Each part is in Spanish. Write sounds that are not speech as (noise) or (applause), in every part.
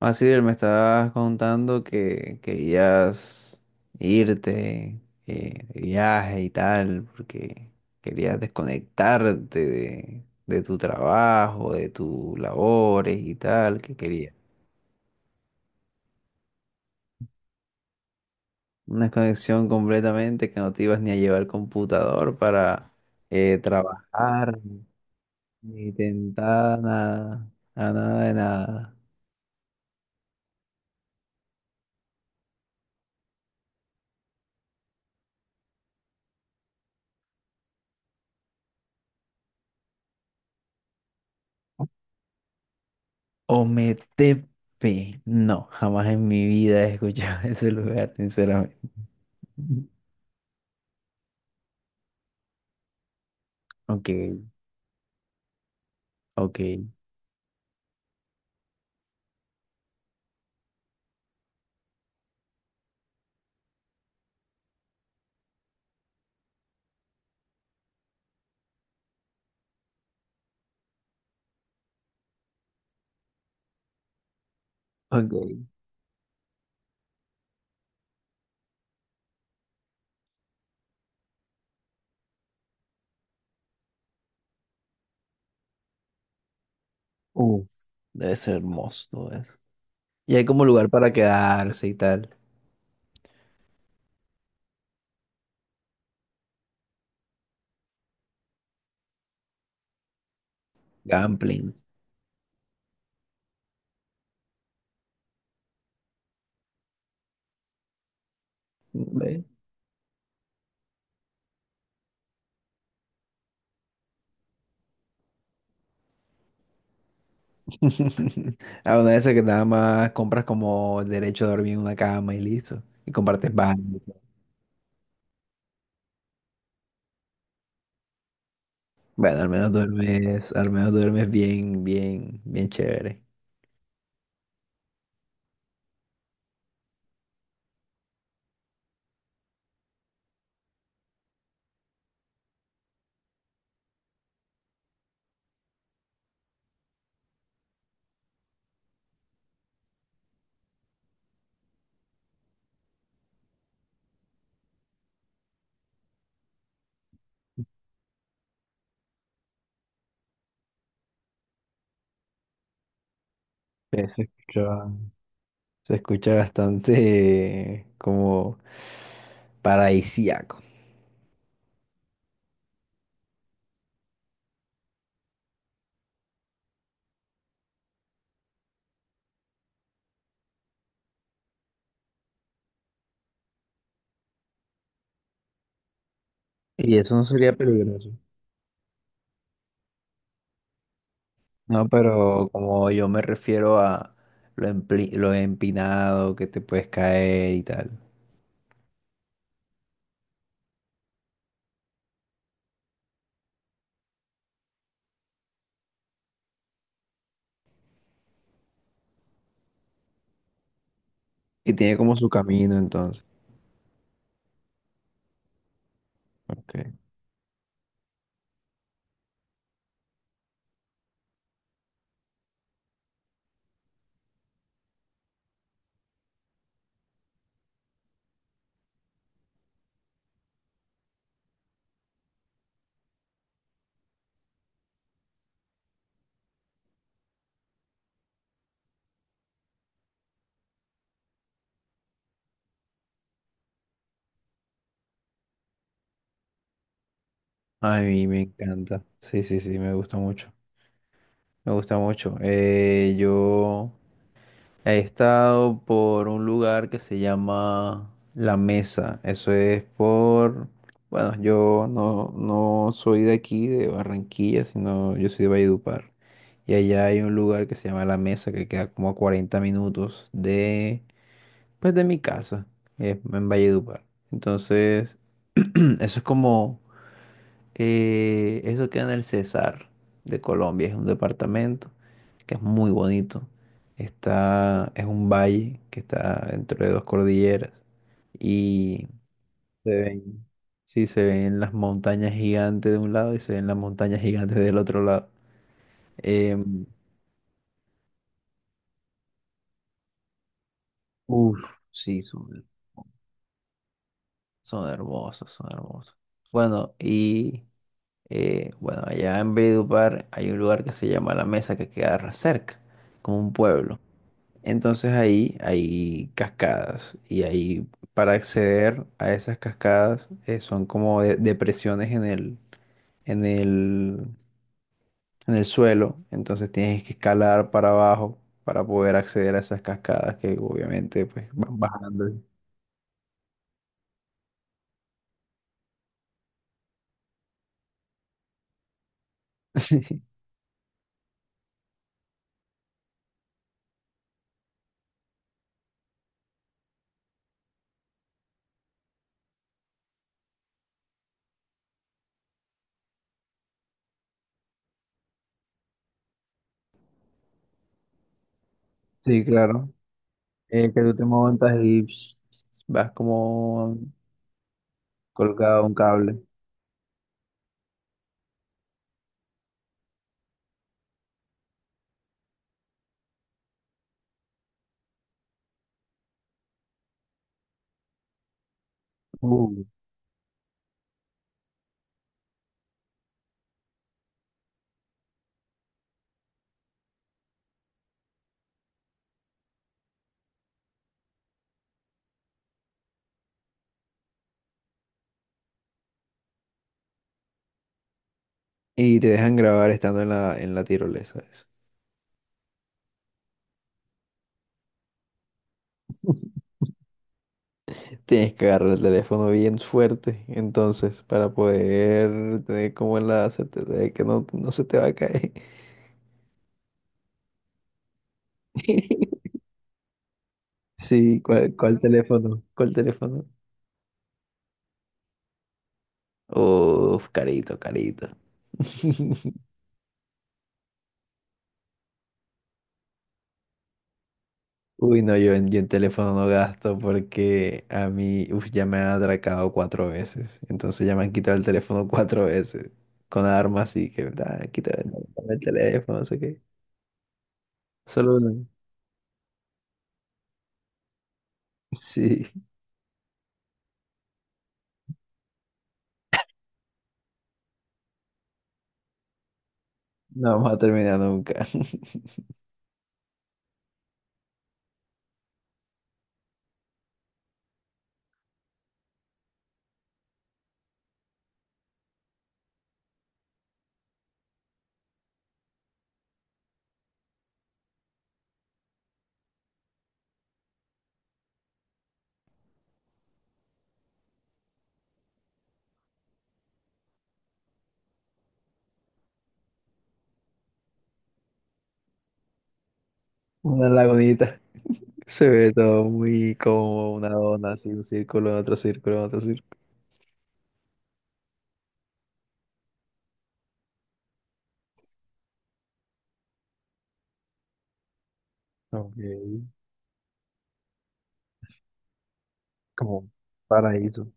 Así me estabas contando que querías irte de viaje y tal, porque querías desconectarte de tu trabajo, de tus labores y tal, que querías una desconexión completamente que no te ibas ni a llevar computador para trabajar, ni tentar nada, a nada de nada. O Ometepe, no, jamás en mi vida he escuchado (laughs) ese lugar, sinceramente. Ok, ok. Ok. Uf, debe ser hermoso todo eso. Y hay como lugar para quedarse y tal. Gamplings. ¿Ve? (laughs) A una de esas que nada más compras como el derecho a dormir en una cama y listo. Y compartes baño y todo. Bueno, al menos duermes bien, bien, bien chévere. Eh, Se escucha, se escucha bastante como paradisíaco. Y eso no sería peligroso. No, pero como yo me refiero a lo empinado que te puedes caer y tal. Y tiene como su camino entonces. Okay. A mí me encanta. Sí, sí, sí, me gusta mucho. Me gusta mucho. He estado por un lugar que se llama La Mesa. Bueno, yo no, no soy de aquí, de Barranquilla, sino yo soy de Valledupar. Y allá hay un lugar que se llama La Mesa, que queda como a 40 minutos de, pues, de mi casa, en Valledupar. Entonces, (clears throat) eso es como eso queda en el Cesar de Colombia, es un departamento que es muy bonito. Está, es un valle que está entre dos cordilleras y se ven, sí, se ven las montañas gigantes de un lado y se ven las montañas gigantes del otro lado. Em, uf, sí, son hermosos, son hermosos. Bueno, y bueno, allá en Valledupar hay un lugar que se llama La Mesa que queda cerca, como un pueblo. Entonces ahí hay cascadas y ahí para acceder a esas cascadas son como depresiones en el, en el, en el suelo. Entonces tienes que escalar para abajo para poder acceder a esas cascadas que obviamente pues van bajando. (laughs) Sí, sí, claro. Que tú te montas y psh, vas como colgado a un cable. Uh. Y te dejan grabar estando en la tirolesa, eso. Tienes que agarrar el teléfono bien fuerte, entonces, para poder tener como la certeza de que no, no se te va a caer. (laughs) Sí, ¿cuál, cuál teléfono? ¿Cuál teléfono? Uf, carito, carito. (laughs) Uy, no, yo en teléfono no gasto porque a mí, uf, ya me han atracado 4 veces. Entonces ya me han quitado el teléfono 4 veces. Con armas y que, ah, quita el dame el teléfono, no sé qué. Solo uno. (laughs) Sí, no vamos a terminar nunca. (laughs) Una lagunita. Se ve todo muy como una dona, así un círculo, otro círculo, otro círculo. Ok, como un paraíso.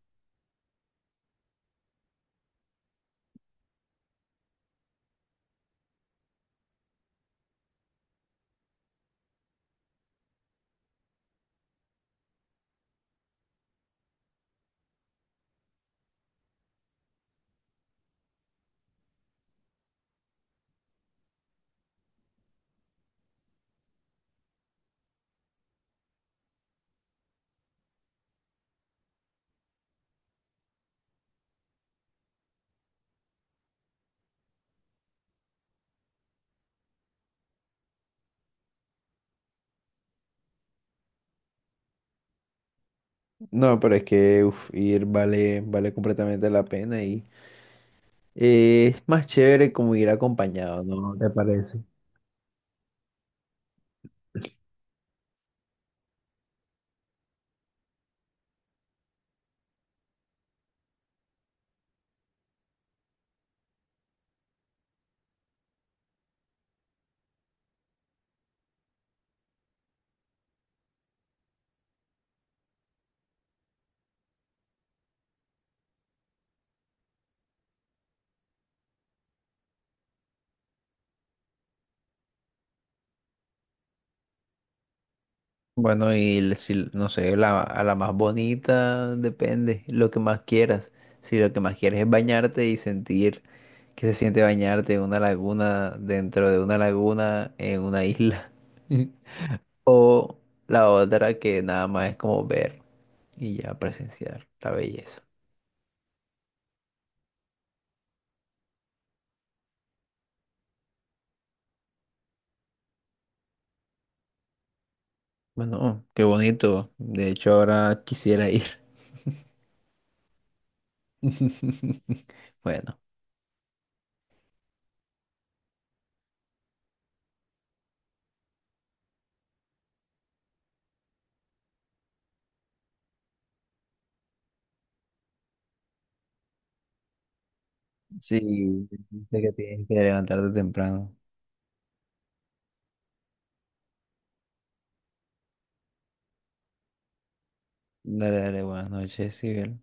No, pero es que uf, ir vale, vale completamente la pena y es más chévere como ir acompañado, ¿no te parece? Bueno, y si, no sé, a la más bonita depende, lo que más quieras. Si lo que más quieres es bañarte y sentir que se siente bañarte en una laguna, dentro de una laguna, en una isla. (laughs) O la otra que nada más es como ver y ya presenciar la belleza. Bueno, qué bonito. De hecho, ahora quisiera ir. (laughs) Bueno, sí, sé que tienes que levantarte temprano. Dale, dale, buenas noches, Sibel.